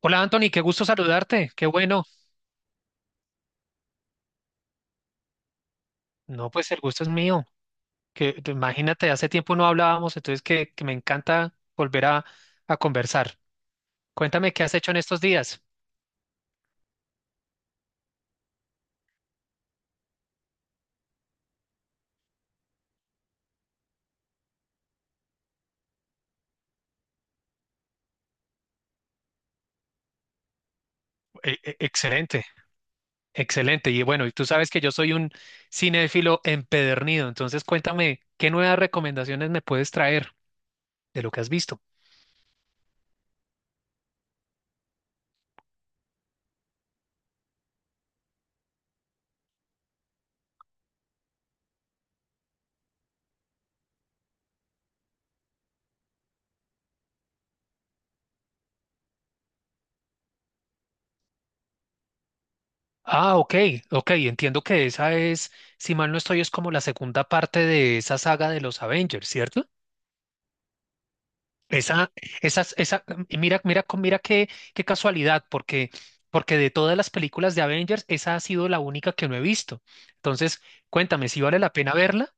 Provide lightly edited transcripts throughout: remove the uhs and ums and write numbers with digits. Hola Anthony, qué gusto saludarte, qué bueno. No, pues el gusto es mío. Imagínate, hace tiempo no hablábamos, entonces que me encanta volver a conversar. Cuéntame qué has hecho en estos días. Excelente, excelente. Y bueno, y tú sabes que yo soy un cinéfilo empedernido, entonces cuéntame qué nuevas recomendaciones me puedes traer de lo que has visto. Ah, ok, ok, entiendo que esa es, si mal no estoy, es como la segunda parte de esa saga de los Avengers, ¿cierto? Esa, y mira, mira qué casualidad, porque de todas las películas de Avengers, esa ha sido la única que no he visto. Entonces, cuéntame, ¿si vale la pena verla?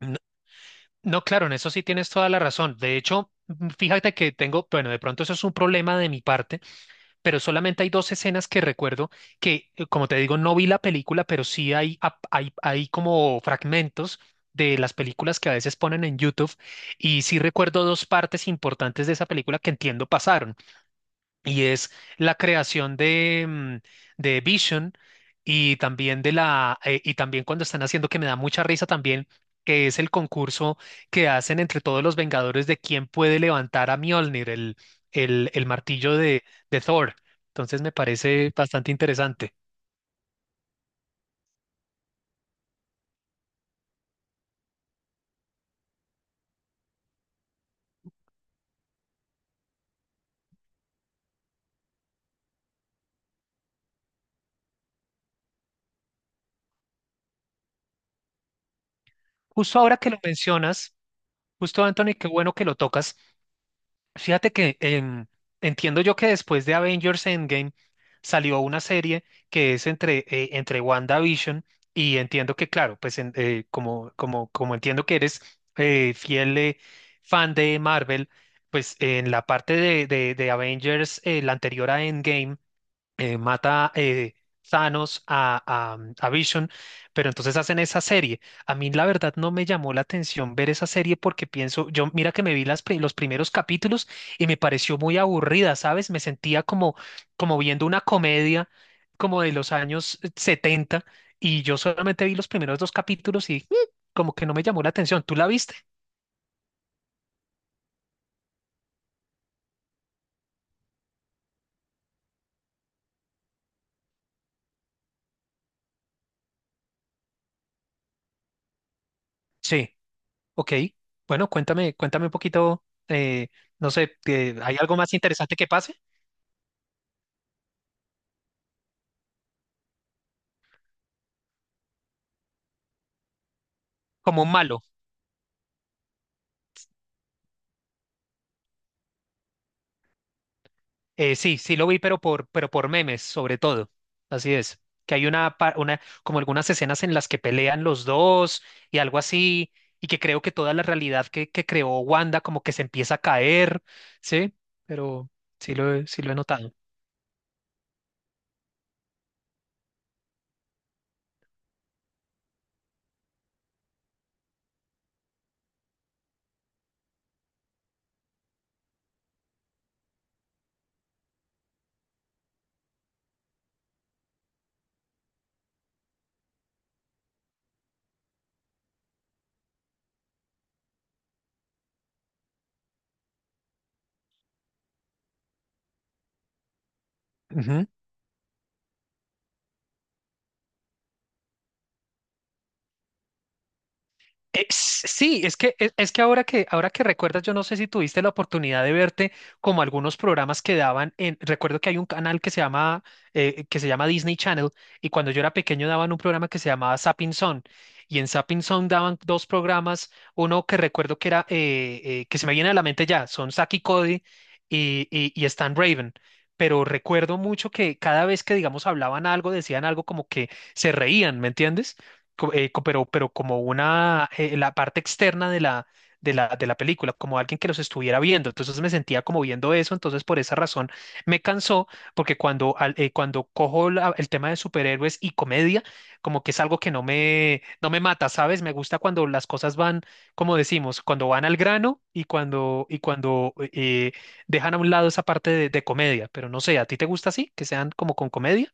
No, no, claro, en eso sí tienes toda la razón. De hecho, fíjate que tengo, bueno, de pronto eso es un problema de mi parte, pero solamente hay dos escenas que recuerdo que, como te digo, no vi la película, pero sí hay, hay como fragmentos de las películas que a veces ponen en YouTube y sí recuerdo dos partes importantes de esa película que entiendo pasaron, y es la creación de, de Vision, y también de la y también cuando están haciendo, que me da mucha risa también, que es el concurso que hacen entre todos los Vengadores de quién puede levantar a Mjolnir, el, el martillo de Thor. Entonces me parece bastante interesante. Justo ahora que lo mencionas, justo Anthony, qué bueno que lo tocas. Fíjate que entiendo yo que después de Avengers Endgame salió una serie que es entre, entre WandaVision, y entiendo que, claro, pues como, como entiendo que eres fiel fan de Marvel, pues en la parte de, de Avengers, la anterior a Endgame, mata Thanos a, a Vision, pero entonces hacen esa serie. A mí la verdad no me llamó la atención ver esa serie porque pienso, yo mira que me vi las, los primeros capítulos y me pareció muy aburrida, ¿sabes? Me sentía como, como viendo una comedia como de los años setenta, y yo solamente vi los primeros dos capítulos y como que no me llamó la atención. ¿Tú la viste? Sí, ok. Bueno, cuéntame, cuéntame un poquito, no sé, ¿hay algo más interesante que pase? Como un malo. Sí, sí lo vi, pero pero por memes, sobre todo. Así es. Que hay una, una, como algunas escenas en las que pelean los dos y algo así, y que creo que toda la realidad que creó Wanda como que se empieza a caer, ¿sí? Pero sí lo, sí lo he notado. Ujú. Sí, es que, es que ahora que recuerdas, yo no sé si tuviste la oportunidad de verte como algunos programas que daban en, recuerdo que hay un canal que se llama Disney Channel, y cuando yo era pequeño daban un programa que se llamaba Zapping Zone, y en Zapping Zone daban dos programas, uno que recuerdo que era que se me viene a la mente ya, son Zack y Cody y Stan Raven. Pero recuerdo mucho que cada vez que, digamos, hablaban algo, decían algo como que se reían, ¿me entiendes? Pero como una, la parte externa de la, de la película, como alguien que los estuviera viendo. Entonces me sentía como viendo eso, entonces por esa razón me cansó, porque cuando, cuando cojo el tema de superhéroes y comedia, como que es algo que no me, no me mata, ¿sabes? Me gusta cuando las cosas van, como decimos, cuando van al grano y cuando dejan a un lado esa parte de comedia. Pero no sé, ¿a ti te gusta así? Que sean como con comedia.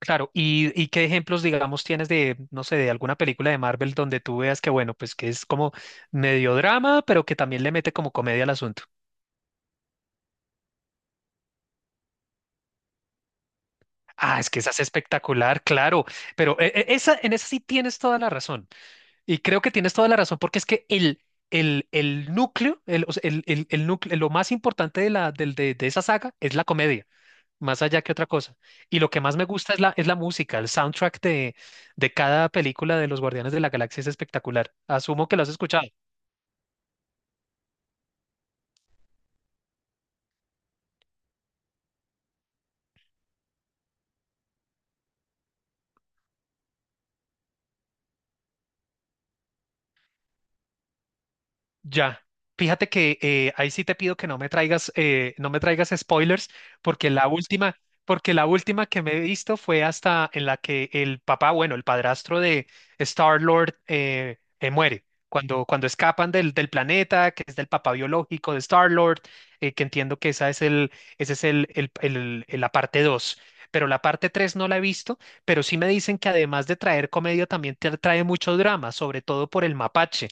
Claro, ¿y, y qué ejemplos, digamos, tienes de, no sé, de alguna película de Marvel donde tú veas que, bueno, pues que es como medio drama, pero que también le mete como comedia al asunto? Ah, es que esa es espectacular, claro, pero esa, en esa sí tienes toda la razón. Y creo que tienes toda la razón porque es que el, el núcleo, el, o sea, el, el núcleo, lo más importante de, la, de esa saga es la comedia, más allá que otra cosa. Y lo que más me gusta es la música, el soundtrack de cada película de los Guardianes de la Galaxia es espectacular. Asumo que lo has escuchado. Ya. Fíjate que ahí sí te pido que no me traigas, no me traigas spoilers, porque la última, porque la última que me he visto fue hasta en la que el papá, bueno, el padrastro de Star-Lord muere. Cuando, cuando escapan del, del planeta, que es del papá biológico de Star-Lord, que entiendo que esa es el, ese es el, la parte dos. Pero la parte 3 no la he visto, pero sí me dicen que además de traer comedia, también te trae mucho drama, sobre todo por el mapache,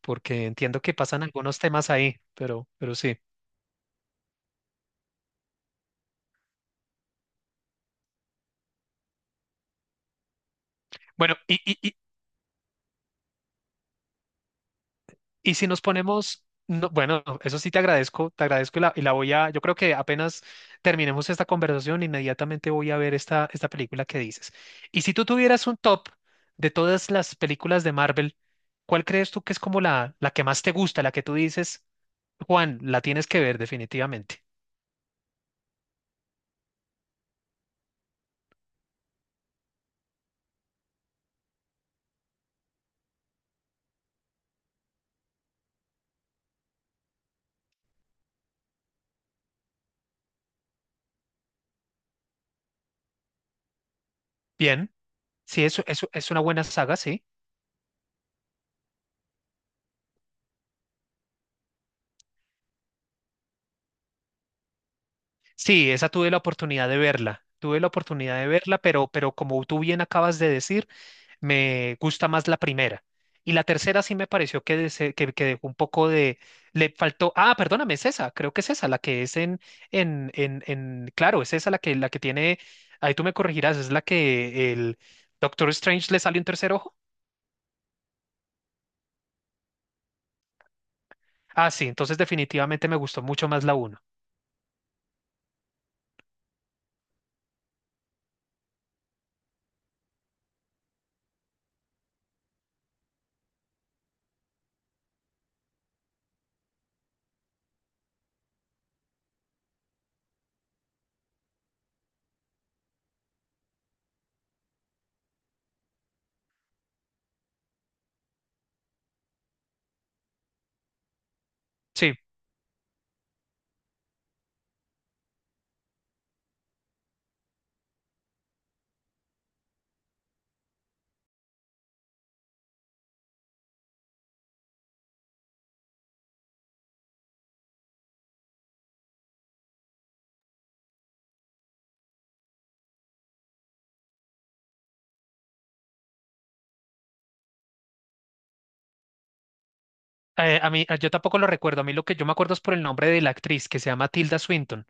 porque entiendo que pasan algunos temas ahí, pero sí. Bueno, y si nos ponemos, no, bueno, no, eso sí te agradezco, te agradezco, y la voy a, yo creo que apenas terminemos esta conversación, inmediatamente voy a ver esta, esta película que dices. Y si tú tuvieras un top de todas las películas de Marvel, ¿cuál crees tú que es como la que más te gusta, la que tú dices? Juan, la tienes que ver definitivamente. Bien, sí, eso es una buena saga, sí. Sí, esa tuve la oportunidad de verla, tuve la oportunidad de verla, pero como tú bien acabas de decir, me gusta más la primera. Y la tercera sí me pareció que, que dejó un poco de... le faltó... Ah, perdóname, es esa, creo que es esa, la que es en... en... Claro, es esa la que tiene... Ahí tú me corregirás, es la que el Doctor Strange le sale un tercer ojo. Ah, sí, entonces definitivamente me gustó mucho más la uno. Sí, a mí, yo tampoco lo recuerdo. A mí lo que yo me acuerdo es por el nombre de la actriz que se llama Tilda Swinton,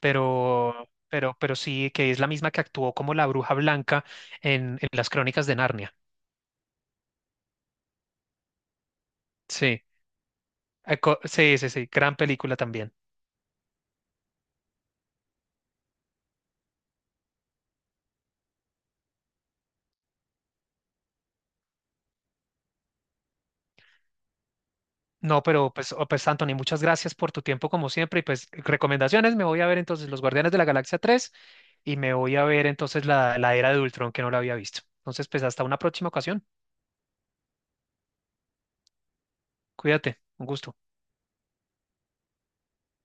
pero sí, que es la misma que actuó como la Bruja Blanca en las Crónicas de Narnia. Sí, sí, sí, sí, gran película también. No, pero pues, oh, pues Anthony, muchas gracias por tu tiempo como siempre, y pues recomendaciones, me voy a ver entonces Los Guardianes de la Galaxia tres, y me voy a ver entonces la, la Era de Ultron, que no la había visto. Entonces, pues hasta una próxima ocasión. Cuídate, un gusto.